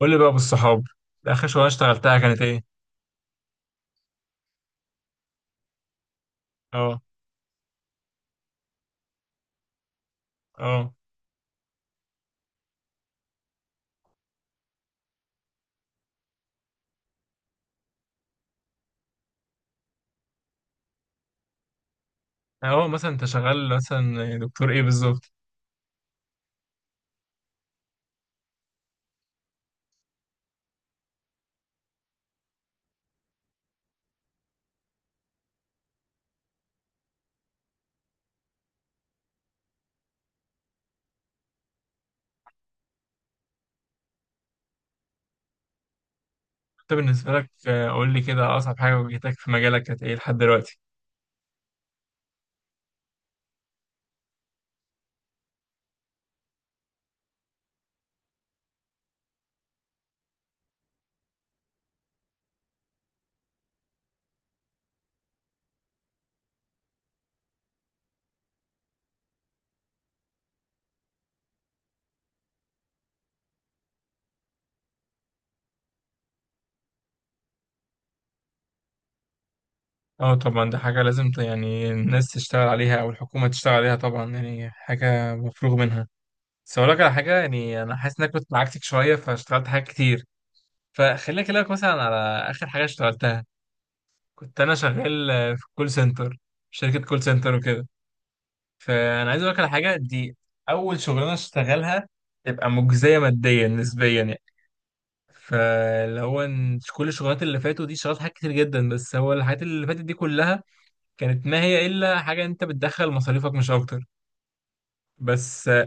قول لي بقى بالصحاب، اخر شغلانه اشتغلتها كانت ايه؟ اه. اه. اه، مثلا انت شغال مثلا دكتور ايه بالظبط؟ انت بالنسبه لك، قول لي كده، اصعب حاجه واجهتك في مجالك كانت ايه لحد دلوقتي؟ اه طبعا، دي حاجه لازم يعني الناس تشتغل عليها او الحكومه تشتغل عليها، طبعا يعني حاجه مفروغ منها. بس اقول لك على حاجه، يعني انا حاسس انك كنت عكسك شويه فاشتغلت حاجات كتير. فخليني اكلمك مثلا على اخر حاجه اشتغلتها. كنت انا شغال، في كول سنتر، شركه كول سنتر وكده. فانا عايز اقول لك على حاجه دي. اول شغلانه اشتغلها تبقى مجزيه ماديا نسبيا يعني. فاللي هو إن كل الشغلات اللي فاتوا دي، اشتغلت حاجات كتير جدا، بس هو الحاجات اللي فاتت دي كلها كانت ما هي الا حاجه انت بتدخل مصاريفك مش اكتر. بس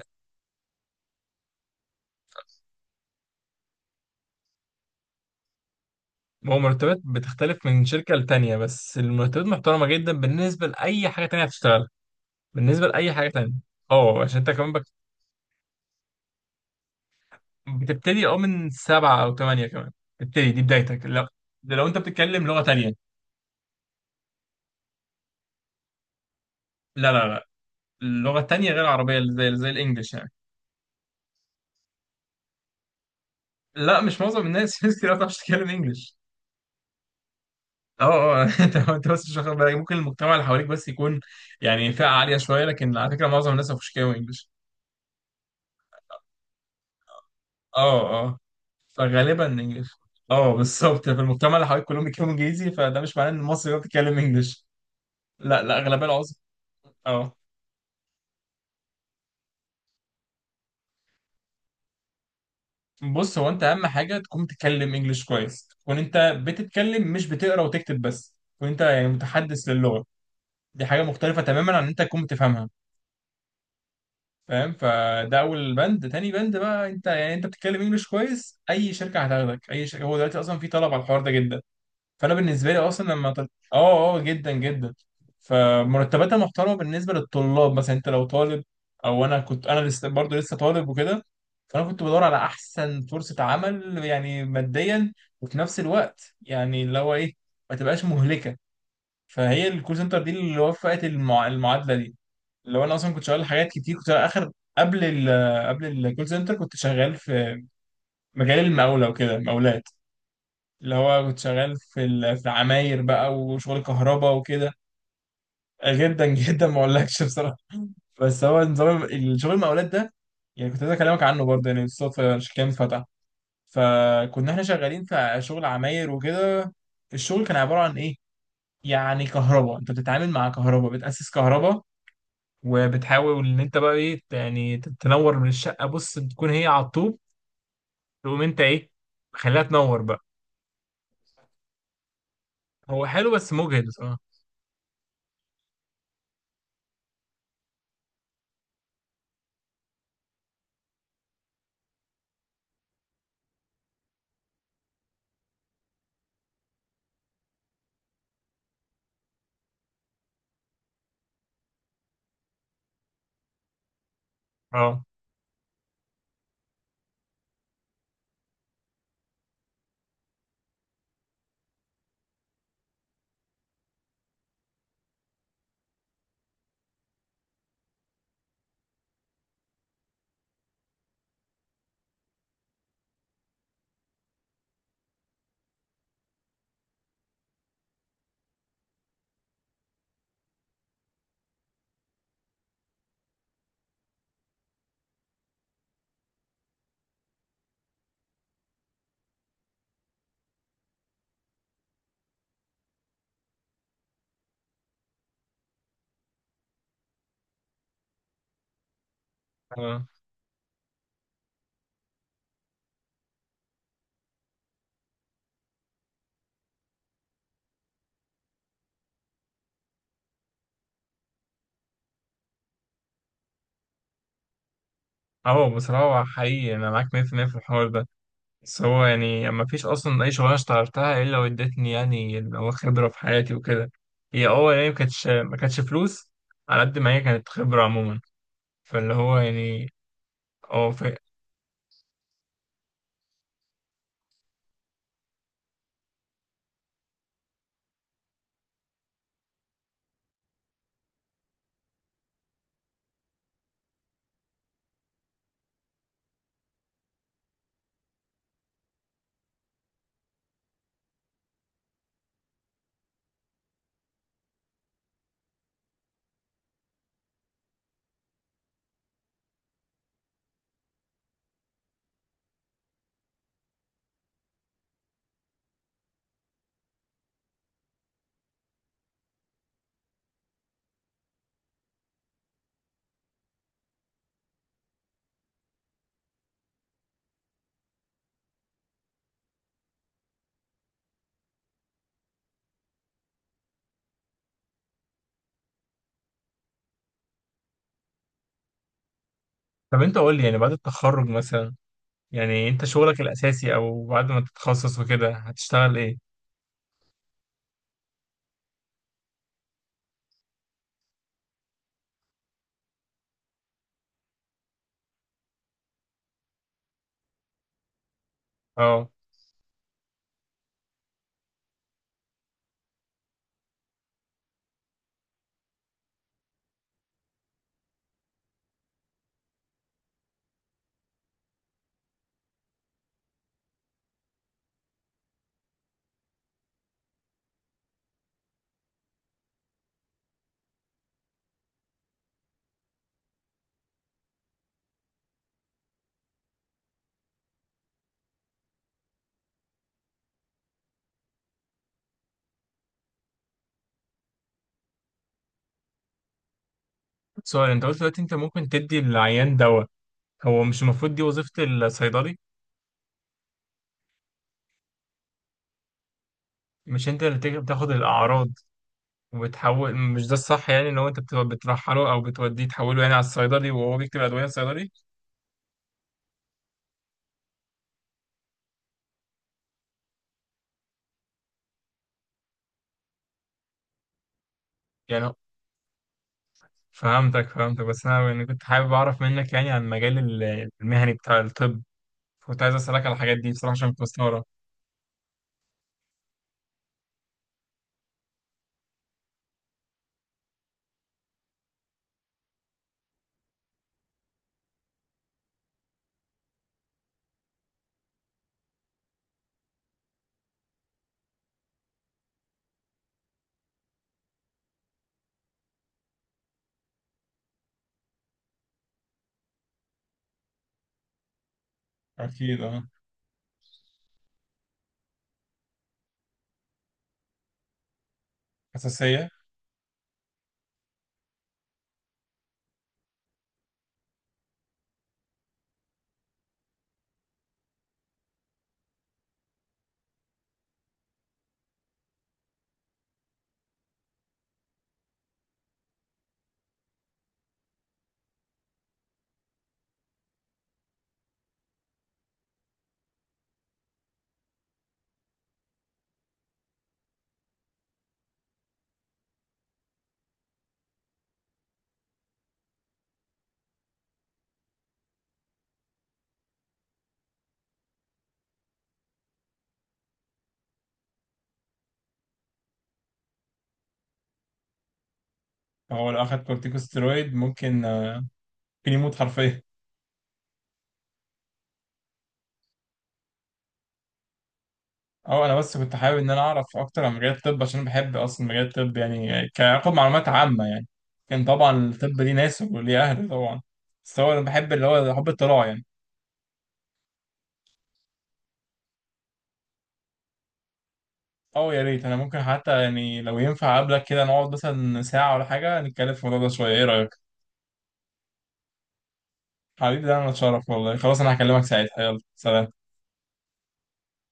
هو مرتبات بتختلف من شركه لتانيه، بس المرتبات محترمه جدا بالنسبه لاي حاجه تانيه هتشتغلها، بالنسبه لاي حاجه تانيه. اه عشان انت كمان بتبتدي اه من سبعه او ثمانيه كمان. بتبتدي دي بدايتك لو، لو انت بتتكلم لغه تانيه. لا لا لا، اللغة التانية غير العربية، اللي زي الانجليش يعني. لا مش معظم الناس في ناس كتير ما بتعرفش تتكلم انجليش. اه. اه انت بس مش واخد بالك، ممكن المجتمع اللي حواليك بس يكون يعني فئة عالية شوية، لكن على فكرة معظم الناس ما بيعرفوش يتكلموا انجليش. اه. اه، فغالبا انجليش. اه بالظبط، في المجتمع اللي حواليك كلهم بيتكلموا انجليزي، فده مش معناه ان المصري هو بيتكلم انجليش. لا لا، اغلبيه العظمى. اه. بص، هو انت اهم حاجه تكون بتتكلم انجليش كويس، تكون انت بتتكلم، مش بتقرا وتكتب بس، تكون انت يعني متحدث للغه. دي حاجة مختلفة تماما عن إن أنت تكون بتفهمها. فاهم؟ فده أول بند. تاني بند بقى، أنت يعني أنت بتتكلم إنجلش كويس، أي شركة هتاخدك، أي شركة. هو دلوقتي أصلا في طلب على الحوار ده جدا. فأنا بالنسبة لي أصلا لما جدا جدا. فمرتباتها محترمة بالنسبة للطلاب، مثلا أنت لو طالب، أو أنا كنت، أنا لسه برضه لسه طالب وكده. فأنا كنت بدور على أحسن فرصة عمل يعني ماديا، وفي نفس الوقت يعني اللي هو إيه، ما تبقاش مهلكة. فهي الكول سنتر دي اللي وفقت المعادلة دي. لو انا اصلا كنت شغال حاجات كتير، كنت اخر، قبل ال قبل الكول سنتر كنت شغال في مجال المقاولة وكده، مقاولات. اللي هو كنت شغال في العماير بقى، وشغل كهرباء وكده. جدا جدا، ما اقولكش بصراحة. بس هو نظام الشغل المقاولات ده، يعني كنت عايز اكلمك عنه برضه، يعني بالصدفة الكلام اتفتح. فكنا احنا شغالين في شغل عماير وكده. الشغل كان عبارة عن ايه؟ يعني كهرباء، انت بتتعامل مع كهرباء، بتأسس كهرباء، وبتحاول ان انت بقى ايه يعني، تنور من الشقه. بص بتكون هي على الطوب، تقوم انت ايه، خليها تنور بقى. هو حلو بس مجهد بصراحه. اه. اه. اه بصراحه، هو حقيقي انا معاك 100% في المية في الحوار ده. بس هو يعني ما فيش اصلا اي شغلانه اشتغلتها الا وادتني يعني اللي هو خبره في حياتي وكده. هي اه يعني ما كانتش فلوس على قد ما هي كانت خبره عموما. فاللي هو يعني اه طب انت قول لي، يعني بعد التخرج مثلا، يعني انت شغلك الاساسي او بعد ما تتخصص وكده، هتشتغل ايه؟ اه، سؤال. انت قلت دلوقتي انت ممكن تدي العيان دواء، هو مش المفروض دي وظيفة الصيدلي؟ مش انت اللي تيجي بتاخد الاعراض وبتحول؟ مش ده الصح، يعني ان هو انت بترحله او بتوديه، تحوله يعني على الصيدلي وهو بيكتب ادوية، الصيدلي يعني. فهمتك، فهمتك. بس انا يعني كنت حابب اعرف منك يعني عن المجال المهني بتاع الطب. كنت عايز اسالك على الحاجات دي بصراحة عشان كنت مستغرب. اكيد، اه. حساسية. هو لو أخد كورتيكوستيرويد ممكن، ممكن يموت حرفيا. اه انا بس كنت حابب ان انا اعرف اكتر عن مجال الطب، عشان بحب اصلا مجال الطب يعني، كاخد معلومات عامه يعني. كان طبعا الطب ليه ناس وليه اهل طبعا، بس هو انا بحب اللي هو حب الاطلاع يعني. اه يا ريت، انا ممكن حتى يعني لو ينفع اقابلك كده، نقعد مثلا ساعه ولا حاجه، نتكلم في الموضوع ده شويه، ايه رايك؟ حبيبي ده انا اتشرف والله. خلاص انا هكلمك ساعتها، يلا سلام.